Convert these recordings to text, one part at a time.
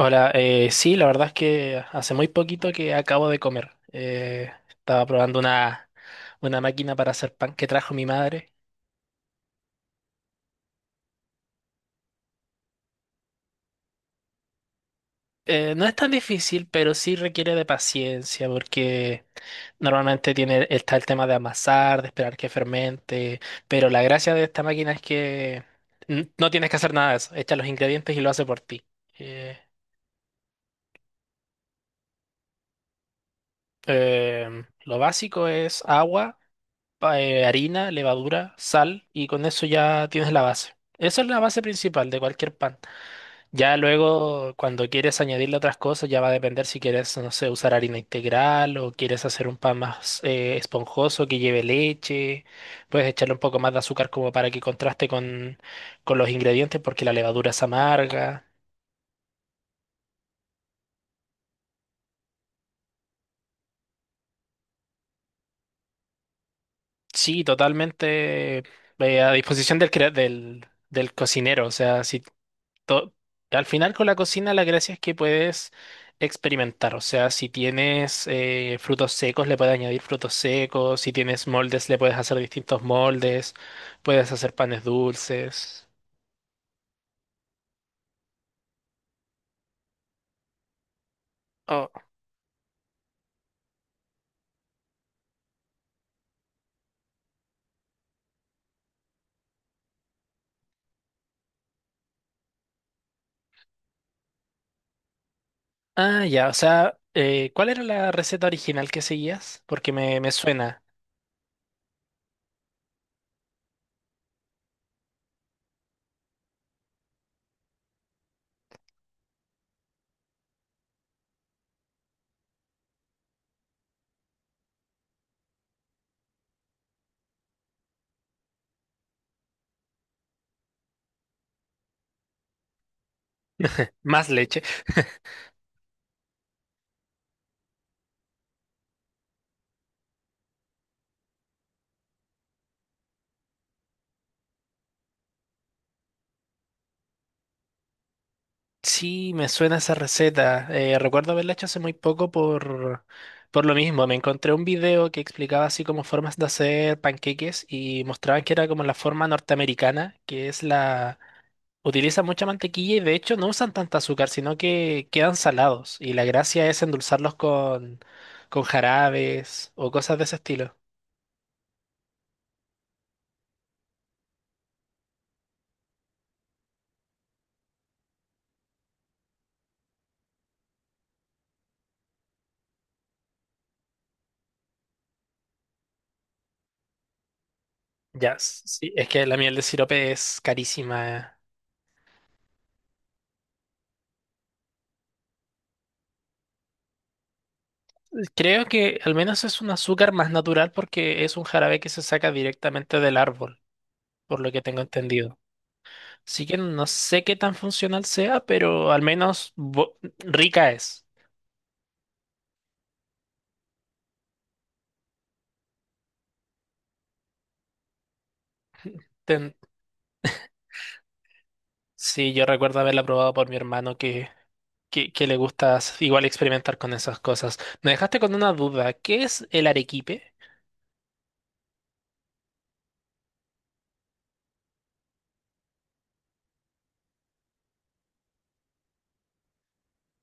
Hola, sí, la verdad es que hace muy poquito que acabo de comer. Estaba probando una máquina para hacer pan que trajo mi madre. No es tan difícil, pero sí requiere de paciencia porque normalmente está el tema de amasar, de esperar que fermente, pero la gracia de esta máquina es que no tienes que hacer nada de eso. Echa los ingredientes y lo hace por ti. Eh, lo básico es agua harina, levadura, sal y con eso ya tienes la base. Esa es la base principal de cualquier pan. Ya luego, cuando quieres añadirle otras cosas, ya va a depender si quieres, no sé, usar harina integral o quieres hacer un pan más esponjoso que lleve leche. Puedes echarle un poco más de azúcar como para que contraste con los ingredientes porque la levadura es amarga. Sí, totalmente, a disposición del cocinero. O sea, si to- al final con la cocina la gracia es que puedes experimentar. O sea, si tienes frutos secos le puedes añadir frutos secos, si tienes moldes le puedes hacer distintos moldes, puedes hacer panes dulces. Oh. Ah, ya, o sea, ¿cuál era la receta original que seguías? Porque me suena. Más leche. Sí, me suena esa receta. Recuerdo haberla hecho hace muy poco, por lo mismo. Me encontré un video que explicaba así como formas de hacer panqueques y mostraban que era como la forma norteamericana, que es la... Utilizan mucha mantequilla y de hecho no usan tanta azúcar, sino que quedan salados. Y la gracia es endulzarlos con jarabes o cosas de ese estilo. Ya, sí, es que la miel de sirope es carísima. Creo que al menos es un azúcar más natural porque es un jarabe que se saca directamente del árbol, por lo que tengo entendido. Así que no sé qué tan funcional sea, pero al menos rica es. Ten- sí, yo recuerdo haberla probado por mi hermano que le gusta igual experimentar con esas cosas. Me dejaste con una duda. ¿Qué es el arequipe?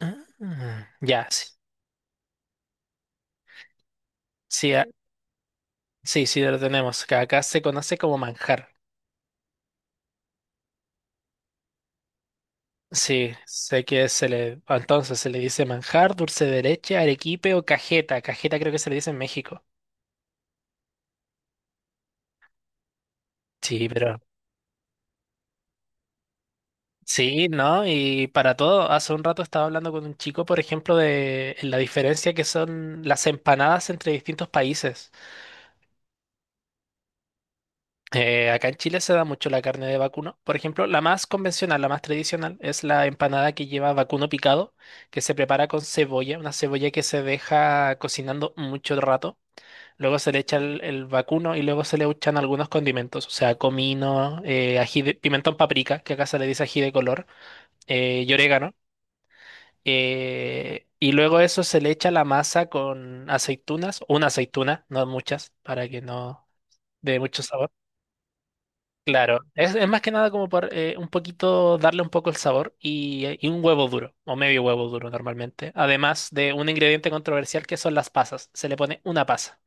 Ah, ya, sí. Sí, sí, sí, lo tenemos. Que Acá se conoce como manjar. Sí, sé que se le, entonces se le dice manjar, dulce de leche, arequipe o cajeta. Cajeta creo que se le dice en México. Sí, pero sí, ¿no? Y para todo, hace un rato estaba hablando con un chico, por ejemplo, de la diferencia que son las empanadas entre distintos países. Acá en Chile se da mucho la carne de vacuno. Por ejemplo, la más convencional, la más tradicional, es la empanada que lleva vacuno picado, que se prepara con cebolla, una cebolla que se deja cocinando mucho rato. Luego se le echa el vacuno y luego se le echan algunos condimentos, o sea, comino, pimentón paprika, que acá se le dice ají de color, y orégano. Y luego eso se le echa la masa con aceitunas, una aceituna, no muchas, para que no dé mucho sabor. Claro, es más que nada como por un poquito, darle un poco el sabor y un huevo duro, o medio huevo duro normalmente. Además de un ingrediente controversial que son las pasas, se le pone una pasa.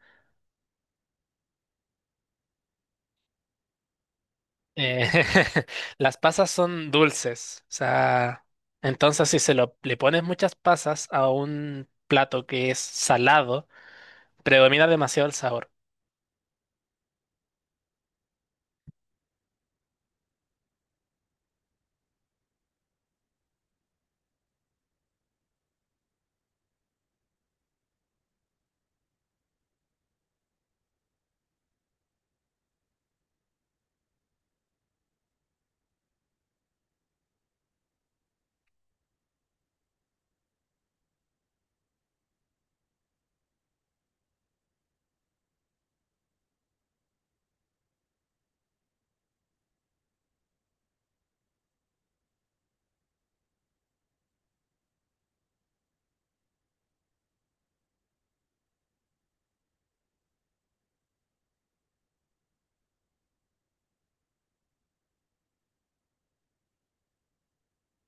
Eh, las pasas son dulces, o sea, entonces si le pones muchas pasas a un plato que es salado, predomina demasiado el sabor.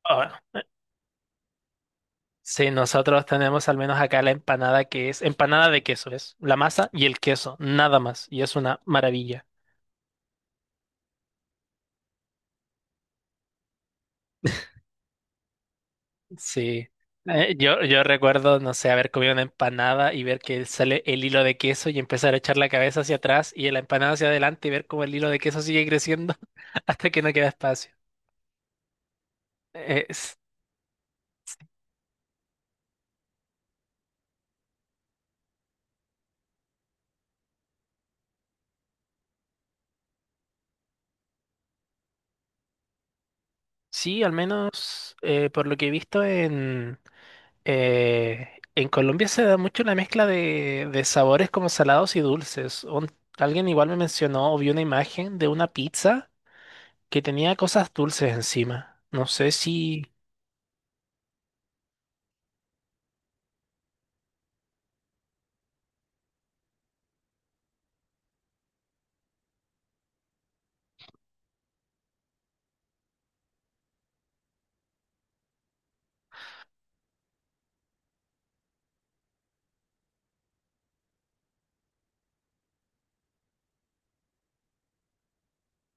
Ahora, sí, nosotros tenemos al menos acá la empanada que es empanada de queso, es la masa y el queso, nada más, y es una maravilla. Sí. Yo recuerdo, no sé, haber comido una empanada y ver que sale el hilo de queso y empezar a echar la cabeza hacia atrás y la empanada hacia adelante y ver cómo el hilo de queso sigue creciendo hasta que no queda espacio. Eh, s- sí, al menos por lo que he visto en Colombia se da mucho la mezcla de sabores como salados y dulces. Alguien igual me mencionó o vi una imagen de una pizza que tenía cosas dulces encima. No sé si...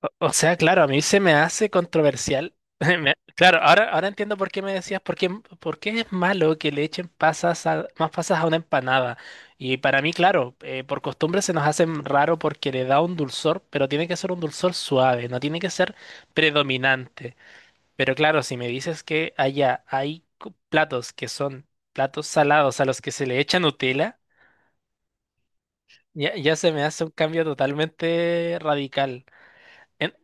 O, o sea, claro, a mí se me hace controversial. Claro, ahora entiendo por qué me decías, por qué es malo que le echen más pasas a una empanada. Y para mí, claro, por costumbre se nos hace raro porque le da un dulzor, pero tiene que ser un dulzor suave, no tiene que ser predominante. Pero claro, si me dices que allá hay platos que son platos salados a los que se le echa Nutella, ya, ya se me hace un cambio totalmente radical. En-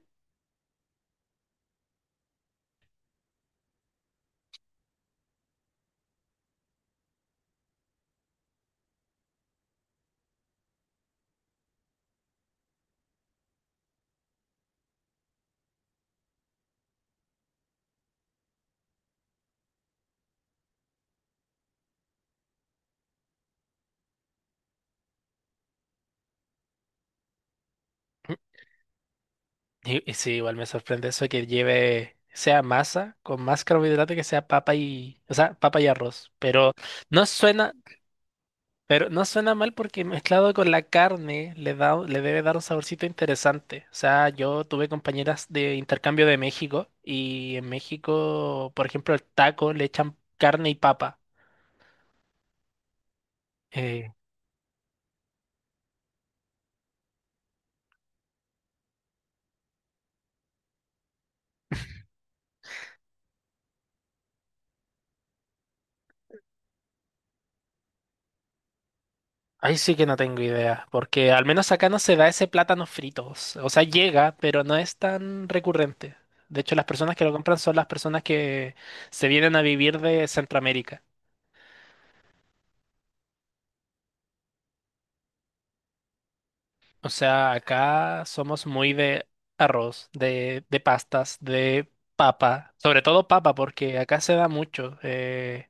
Y sí, igual me sorprende eso que lleve, sea masa con más carbohidrato que sea papa y, o sea, papa y arroz. No suena, pero no suena mal porque mezclado con la carne le debe dar un saborcito interesante. O sea, yo tuve compañeras de intercambio de México y en México, por ejemplo, el taco le echan carne y papa. Eh, Ahí sí que no tengo idea, porque al menos acá no se da ese plátano frito. O sea, llega, pero no es tan recurrente. De hecho, las personas que lo compran son las personas que se vienen a vivir de Centroamérica. O sea, acá somos muy de arroz, de pastas, de papa, sobre todo papa, porque acá se da mucho.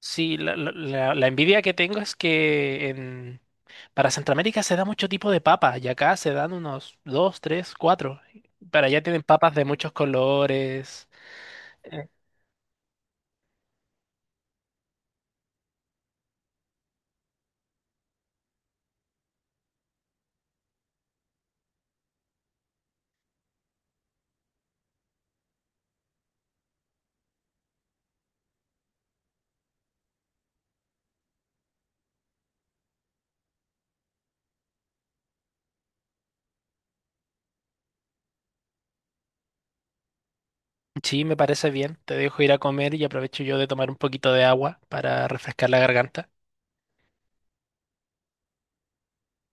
Sí, la envidia que tengo es que para Centroamérica se da mucho tipo de papas y acá se dan unos dos, tres, cuatro. Para allá tienen papas de muchos colores. Eh, Sí, me parece bien. Te dejo ir a comer y aprovecho yo de tomar un poquito de agua para refrescar la garganta.